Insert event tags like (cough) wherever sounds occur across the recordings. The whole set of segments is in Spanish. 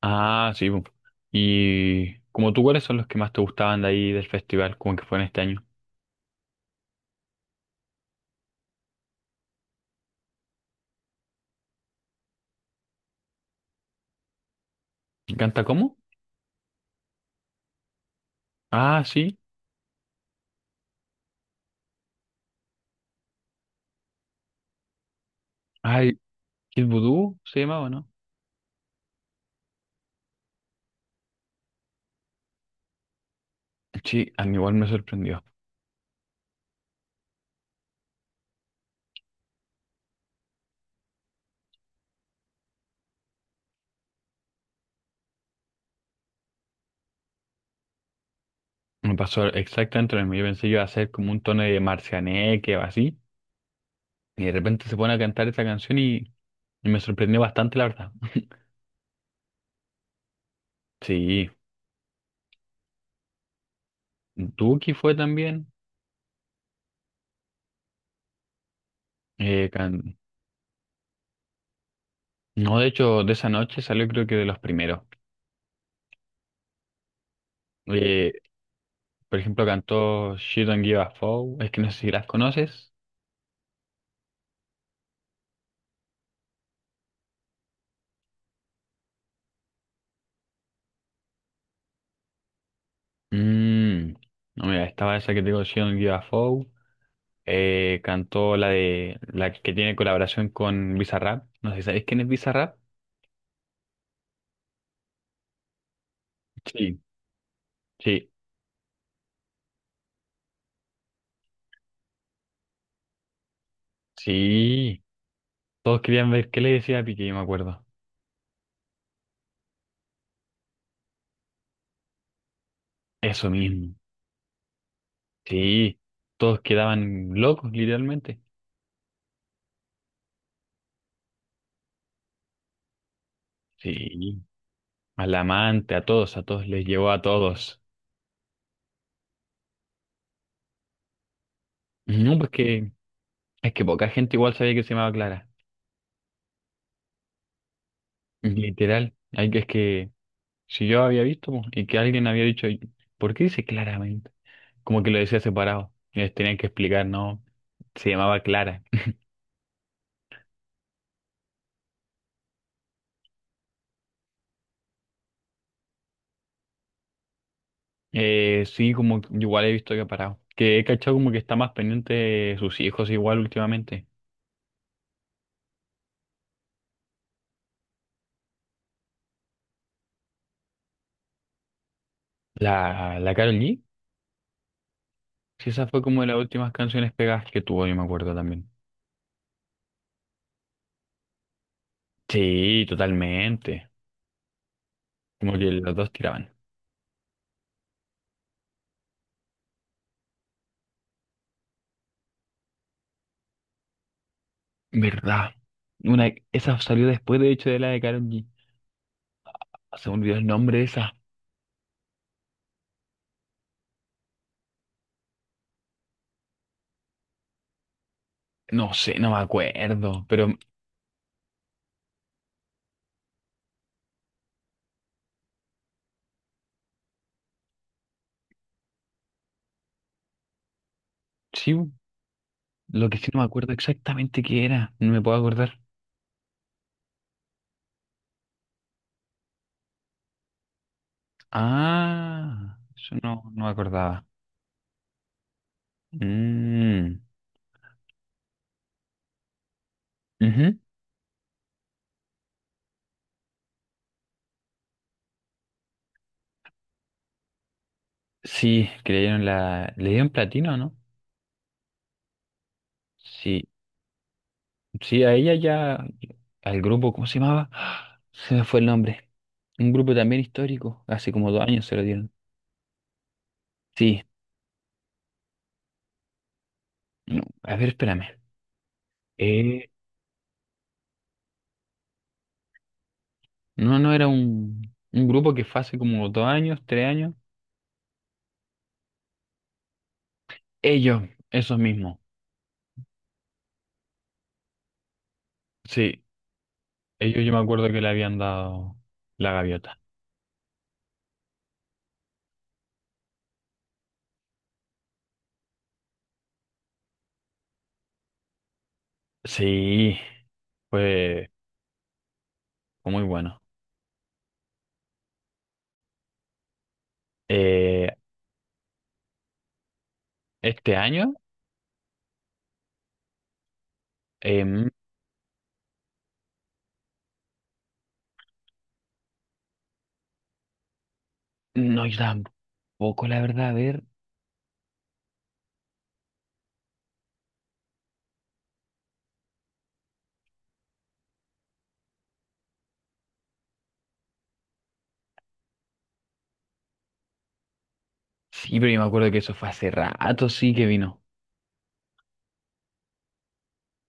Ah, sí. Bu. Y como tú, ¿cuáles son los que más te gustaban de ahí del festival, como que fue en este año? ¿Canta cómo? Ah, sí. Ay, Kid Voodoo se llamaba, ¿no? Sí, a mí igual me sorprendió. Me pasó exactamente lo mismo. Yo pensé que iba a ser como un tono de Marcianeque o así. Y de repente se pone a cantar esa canción y me sorprendió bastante, la verdad. Sí, Duki fue también. Eh, can- No, de hecho, de esa noche salió creo que de los primeros. Por ejemplo, cantó She Don't Give a Foe. Es que no sé si las conoces. Mm, no, mira, estaba esa que te digo, She Don't Give a Foe. Cantó la de la que tiene colaboración con Bizarrap. No sé si sabéis quién es Bizarrap. Sí, sí, sí. Todos querían ver qué le decía a Piqué, yo me acuerdo. Eso mismo. Sí. Todos quedaban locos, literalmente. Sí. Al amante, a todos les llegó a todos. No, pues que es que poca gente igual sabía que se llamaba Clara. Literal, hay que es que si yo había visto po, y que alguien había dicho, ¿por qué dice claramente? Como que lo decía separado. Y les tenían que explicar, ¿no? Se llamaba Clara. (laughs) Sí, como que igual he visto que ha parado. Que he cachado como que está más pendiente de sus hijos igual últimamente. La Karol G, sí, esa fue como de las últimas canciones pegadas que tuvo, yo me acuerdo también. Sí, totalmente. Como que los dos tiraban. ¿Verdad? Una, esa salió después, de hecho, de la de Karol G. Ah, se me olvidó el nombre de esa. No sé, no me acuerdo, pero sí, lo que sí no me acuerdo exactamente qué era, no me puedo acordar. Ah, eso no, no me acordaba. Mm, ujú. Sí, que le dieron la, le dieron platino, ¿no? Sí, sí, a ella ya, al grupo, ¿cómo se llamaba? (gasps) Se me fue el nombre. Un grupo también histórico, hace como dos años se lo dieron. Sí, no, a ver, espérame. Eh, no, no era un grupo que fue hace como dos años, tres años. Ellos, esos mismos. Sí, ellos yo me acuerdo que le habían dado la gaviota. Sí, fue fue muy bueno. ¿Eh, este año? Em, no, yo tampoco, la verdad, a ver. Sí, pero yo me acuerdo que eso fue hace rato, sí que vino.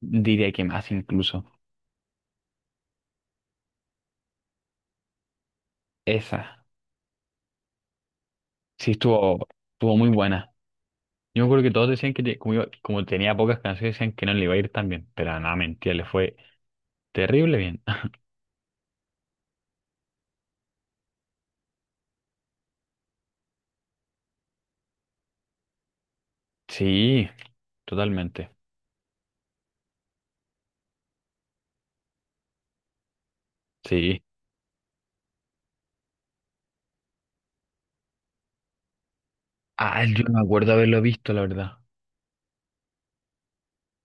Diría que más incluso. Esa, sí estuvo, estuvo muy buena. Yo me acuerdo que todos decían que como, como tenía pocas canciones, decían que no le iba a ir tan bien. Pero nada, mentira, le fue terrible bien. (laughs) Sí, totalmente. Sí. Ah, yo no me acuerdo haberlo visto, la verdad.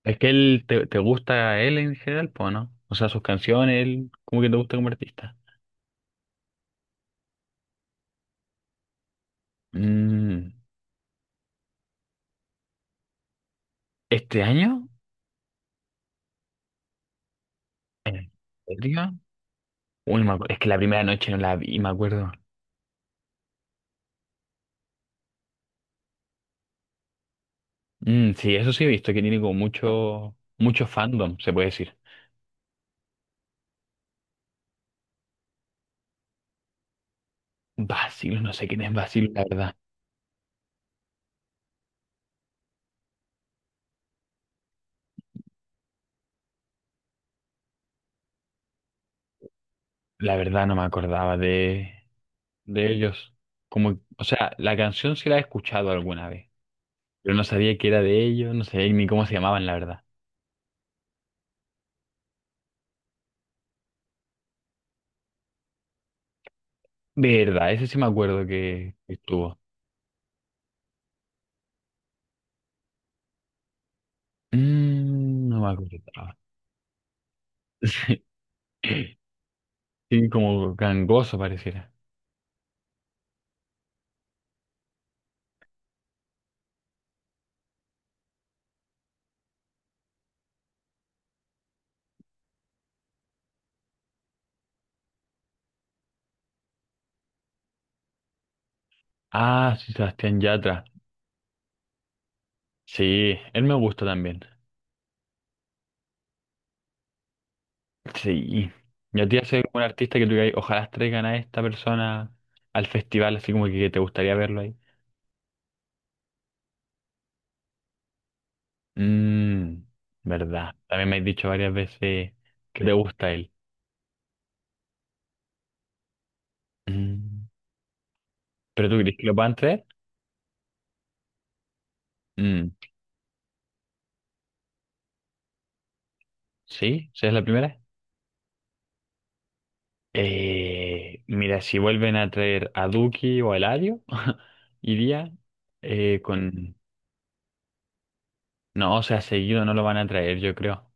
Es que él te gusta él en general, pues, ¿no? O sea, sus canciones, él, ¿cómo que te gusta como artista? Mm, ¿este año? ¿En serio? Uy, es que la primera noche no la vi, me acuerdo. Mm, sí, eso sí he visto, que tiene como mucho, mucho fandom, se puede decir. Basil, no sé quién es Basil, la verdad. La verdad no me acordaba de ellos. Como, o sea, la canción sí la he escuchado alguna vez, pero no sabía que era de ellos, no sabía ni cómo se llamaban, la verdad. Verdad, ese sí me acuerdo que estuvo. Mm, no me acuerdo. Ah, (laughs) sí, sí, como gangoso pareciera. Ah, sí, Sebastián Yatra. Sí, él me gusta también. Sí. Y a ti hace un artista que tú digas, ojalá traigan a esta persona al festival, así como que te gustaría verlo ahí. Mmm, verdad. También me has dicho varias veces que te gusta él. Mm, ¿pero tú crees que lo puedan traer? Mm, sí, ¿sí es la primera? Mira, si vuelven a traer a Duki o a Eladio, (laughs) iría con... No, o sea, seguido no lo van a traer, yo creo.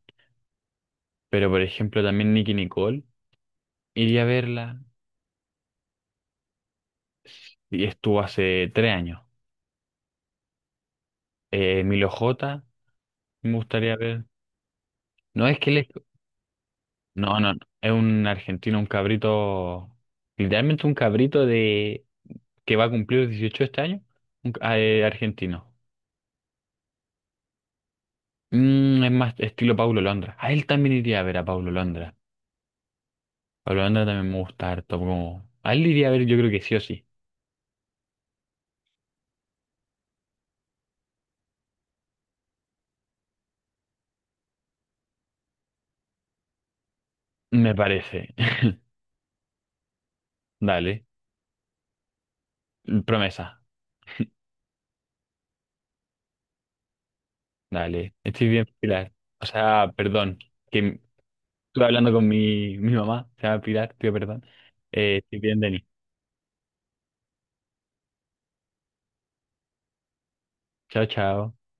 Pero, por ejemplo, también Nicki Nicole, iría a verla. Y estuvo hace tres años. Milo J, me gustaría ver. No es que él es... No, no, no. Es un argentino, un cabrito, literalmente un cabrito de que va a cumplir 18 este año, argentino. Mm, es más estilo Paulo Londra. A él también iría a ver a Paulo Londra. Paulo Londra también me gusta harto. Como... A él iría a ver, yo creo que sí o sí. Me parece. (laughs) Dale. Promesa. Dale. Estoy bien, Pilar. O sea, perdón. Que m- Estuve hablando con mi mamá. Se llama Pilar, tío, perdón. Estoy bien, Denis. Chao, chao.